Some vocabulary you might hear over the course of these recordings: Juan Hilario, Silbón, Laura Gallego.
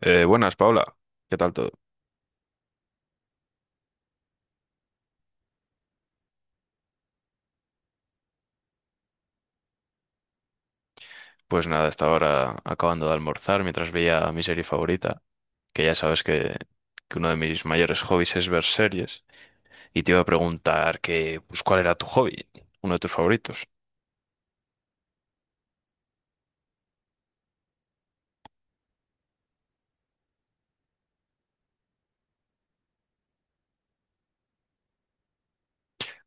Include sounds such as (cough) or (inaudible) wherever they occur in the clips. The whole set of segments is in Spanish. Buenas, Paula. ¿Qué tal todo? Pues nada, estaba ahora acabando de almorzar mientras veía mi serie favorita, que ya sabes que uno de mis mayores hobbies es ver series, y te iba a preguntar que, pues, ¿cuál era tu hobby? Uno de tus favoritos.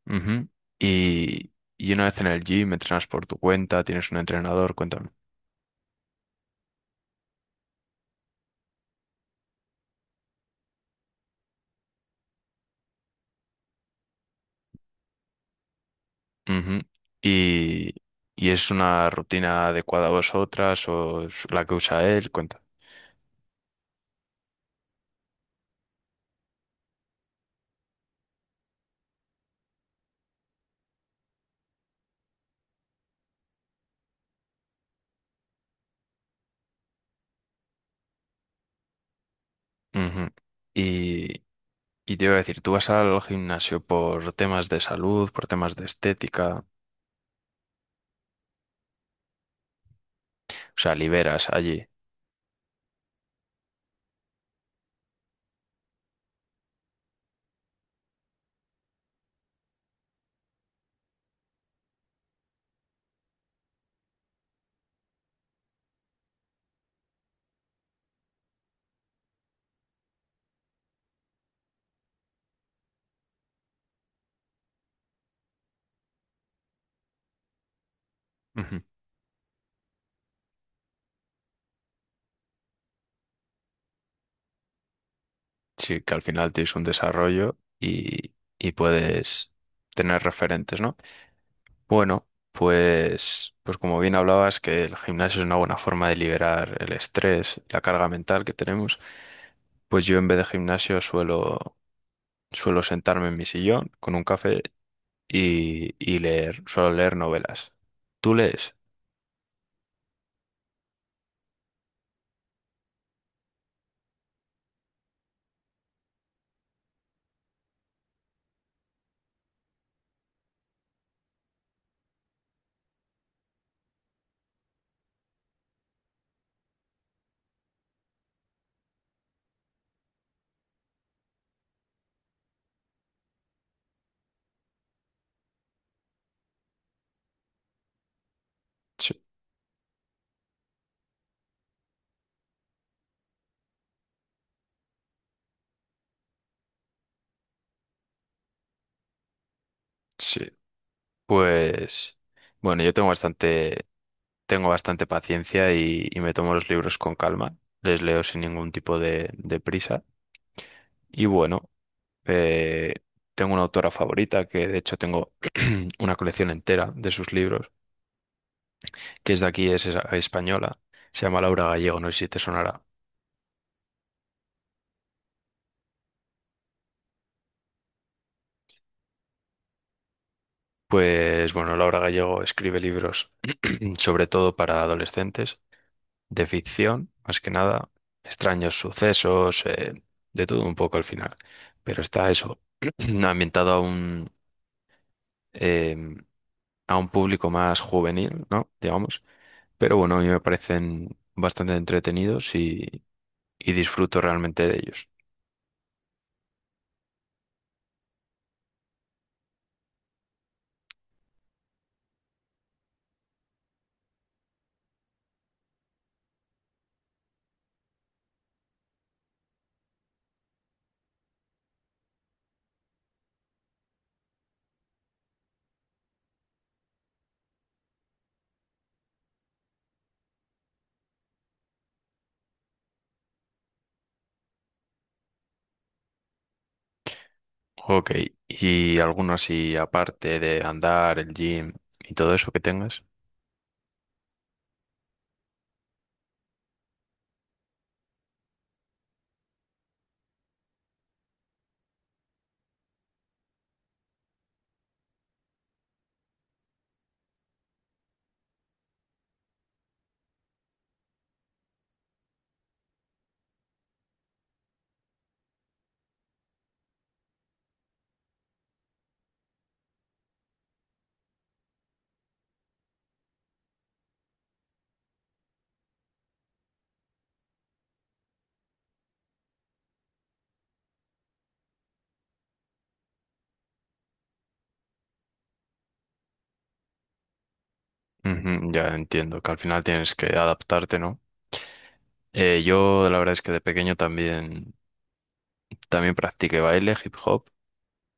Ujú. Y, y una vez en el gym, ¿entrenas por tu cuenta, tienes un entrenador? Cuéntame. Ujú. Y, y ¿es una rutina adecuada a vosotras o es la que usa él? Cuenta. Ujú. Y, Y te iba a decir, ¿tú vas al gimnasio por temas de salud, por temas de estética, o sea, liberas allí? Ujú. Sí, que al final tienes un desarrollo y puedes tener referentes, ¿no? Bueno, pues como bien hablabas, que el gimnasio es una buena forma de liberar el estrés, la carga mental que tenemos, pues yo en vez de gimnasio suelo sentarme en mi sillón con un café y leer, suelo leer novelas. ¿Tú lees? Sí, sí. Pues bueno, yo tengo bastante paciencia y me tomo los libros con calma. Les leo sin ningún tipo de prisa. Y bueno, eh, tengo una autora favorita que de hecho tengo (clears throat) una colección entera de sus libros, que es de aquí, española. Se llama Laura Gallego, no sé si te sonará. Pues bueno, Laura Gallego escribe libros (clears throat) sobre todo para adolescentes de ficción, más que nada, extraños sucesos, de todo un poco al final. Pero está eso, (clears throat) ambientado a un, eh, a un público más juvenil, ¿no? Digamos. Pero bueno, a mí me parecen bastante entretenidos y disfruto realmente de ellos. Ok, ¿y alguno así aparte de andar, el gym y todo eso que tengas? Ujú, ya entiendo que al final tienes que adaptarte, ¿no? Yo la verdad es que de pequeño también también practiqué baile, hip hop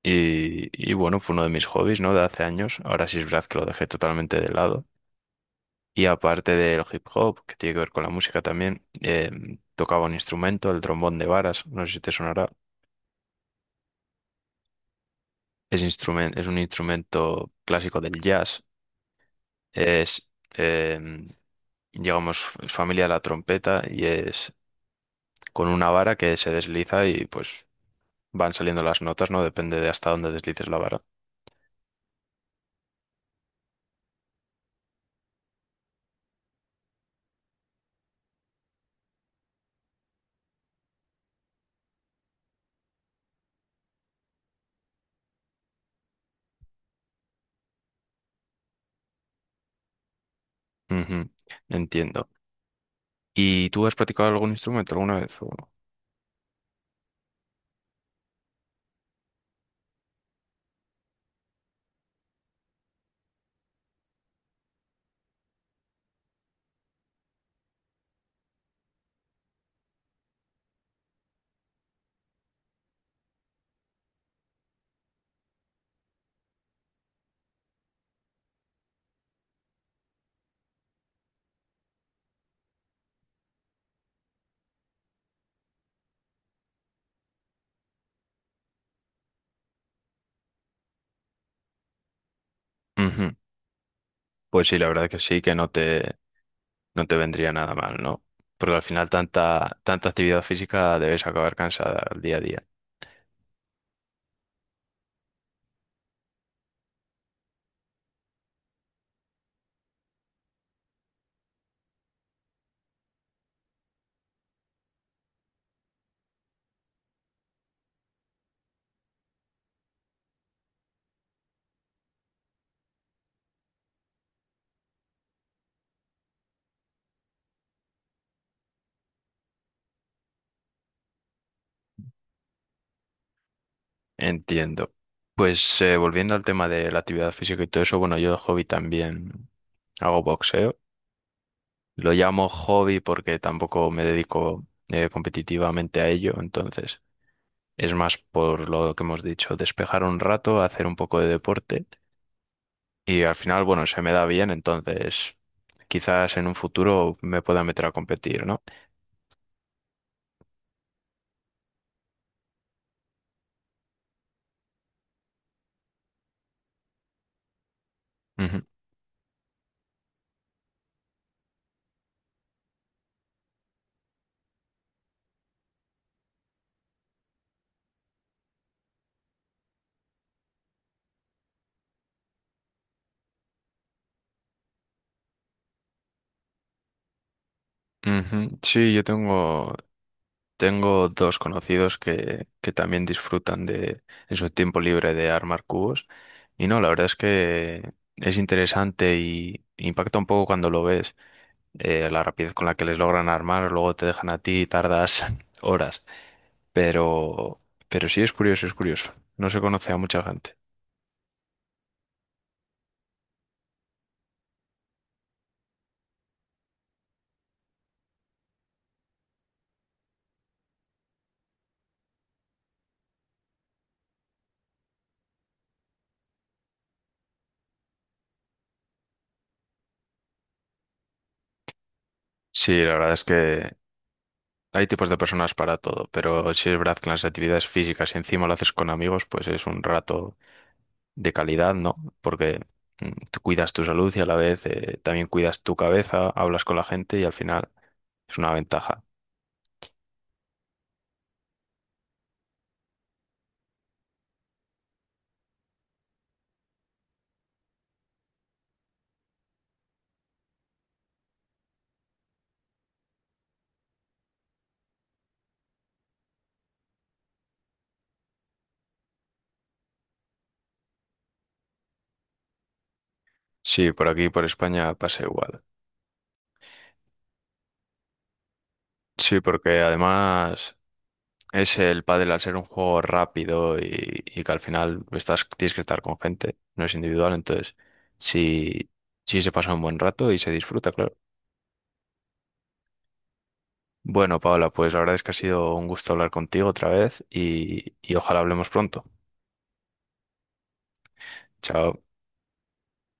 y bueno, fue uno de mis hobbies, ¿no? De hace años. Ahora sí es verdad que lo dejé totalmente de lado. Y aparte del hip hop, que tiene que ver con la música también, tocaba un instrumento, el trombón de varas, no sé si te sonará. Es un instrumento clásico del jazz. Es, eh, digamos, es familia de la trompeta y es con una vara que se desliza y pues van saliendo las notas, ¿no? Depende de hasta dónde deslices la vara. Ujú, entiendo. ¿Y tú has practicado algún instrumento alguna vez o no? Ujú. Pues sí, la verdad que sí, que no te, no te vendría nada mal, ¿no? Porque al final tanta actividad física debes acabar cansada al día a día. Entiendo. Pues volviendo al tema de la actividad física y todo eso, bueno, yo de hobby también hago boxeo. Lo llamo hobby porque tampoco me dedico competitivamente a ello, entonces es más por lo que hemos dicho, despejar un rato, hacer un poco de deporte. Y al final, bueno, se me da bien, entonces quizás en un futuro me pueda meter a competir, ¿no? Ujú, ujú. Sí, tengo dos conocidos que también disfrutan de, en su tiempo libre, de armar cubos. Y no, la verdad es que es interesante y impacta un poco cuando lo ves. La rapidez con la que les logran armar, luego te dejan a ti y tardas (laughs) horas. Pero, pero sí es curioso, es curioso. No se conoce a mucha gente. Sí, la verdad es que hay tipos de personas para todo, pero si es verdad que las actividades físicas y encima lo haces con amigos, pues es un rato de calidad, ¿no? Porque mm, tú cuidas tu salud y a la vez también cuidas tu cabeza, hablas con la gente y al final es una ventaja. Sí, por aquí, por España pasa igual. Sí, porque además es el pádel, al ser un juego rápido y que al final tienes que estar con gente, no es individual, entonces sí, sí se pasa un buen rato y se disfruta, claro. Bueno, Paola, pues la verdad es que ha sido un gusto hablar contigo otra vez y ojalá hablemos pronto. Chao.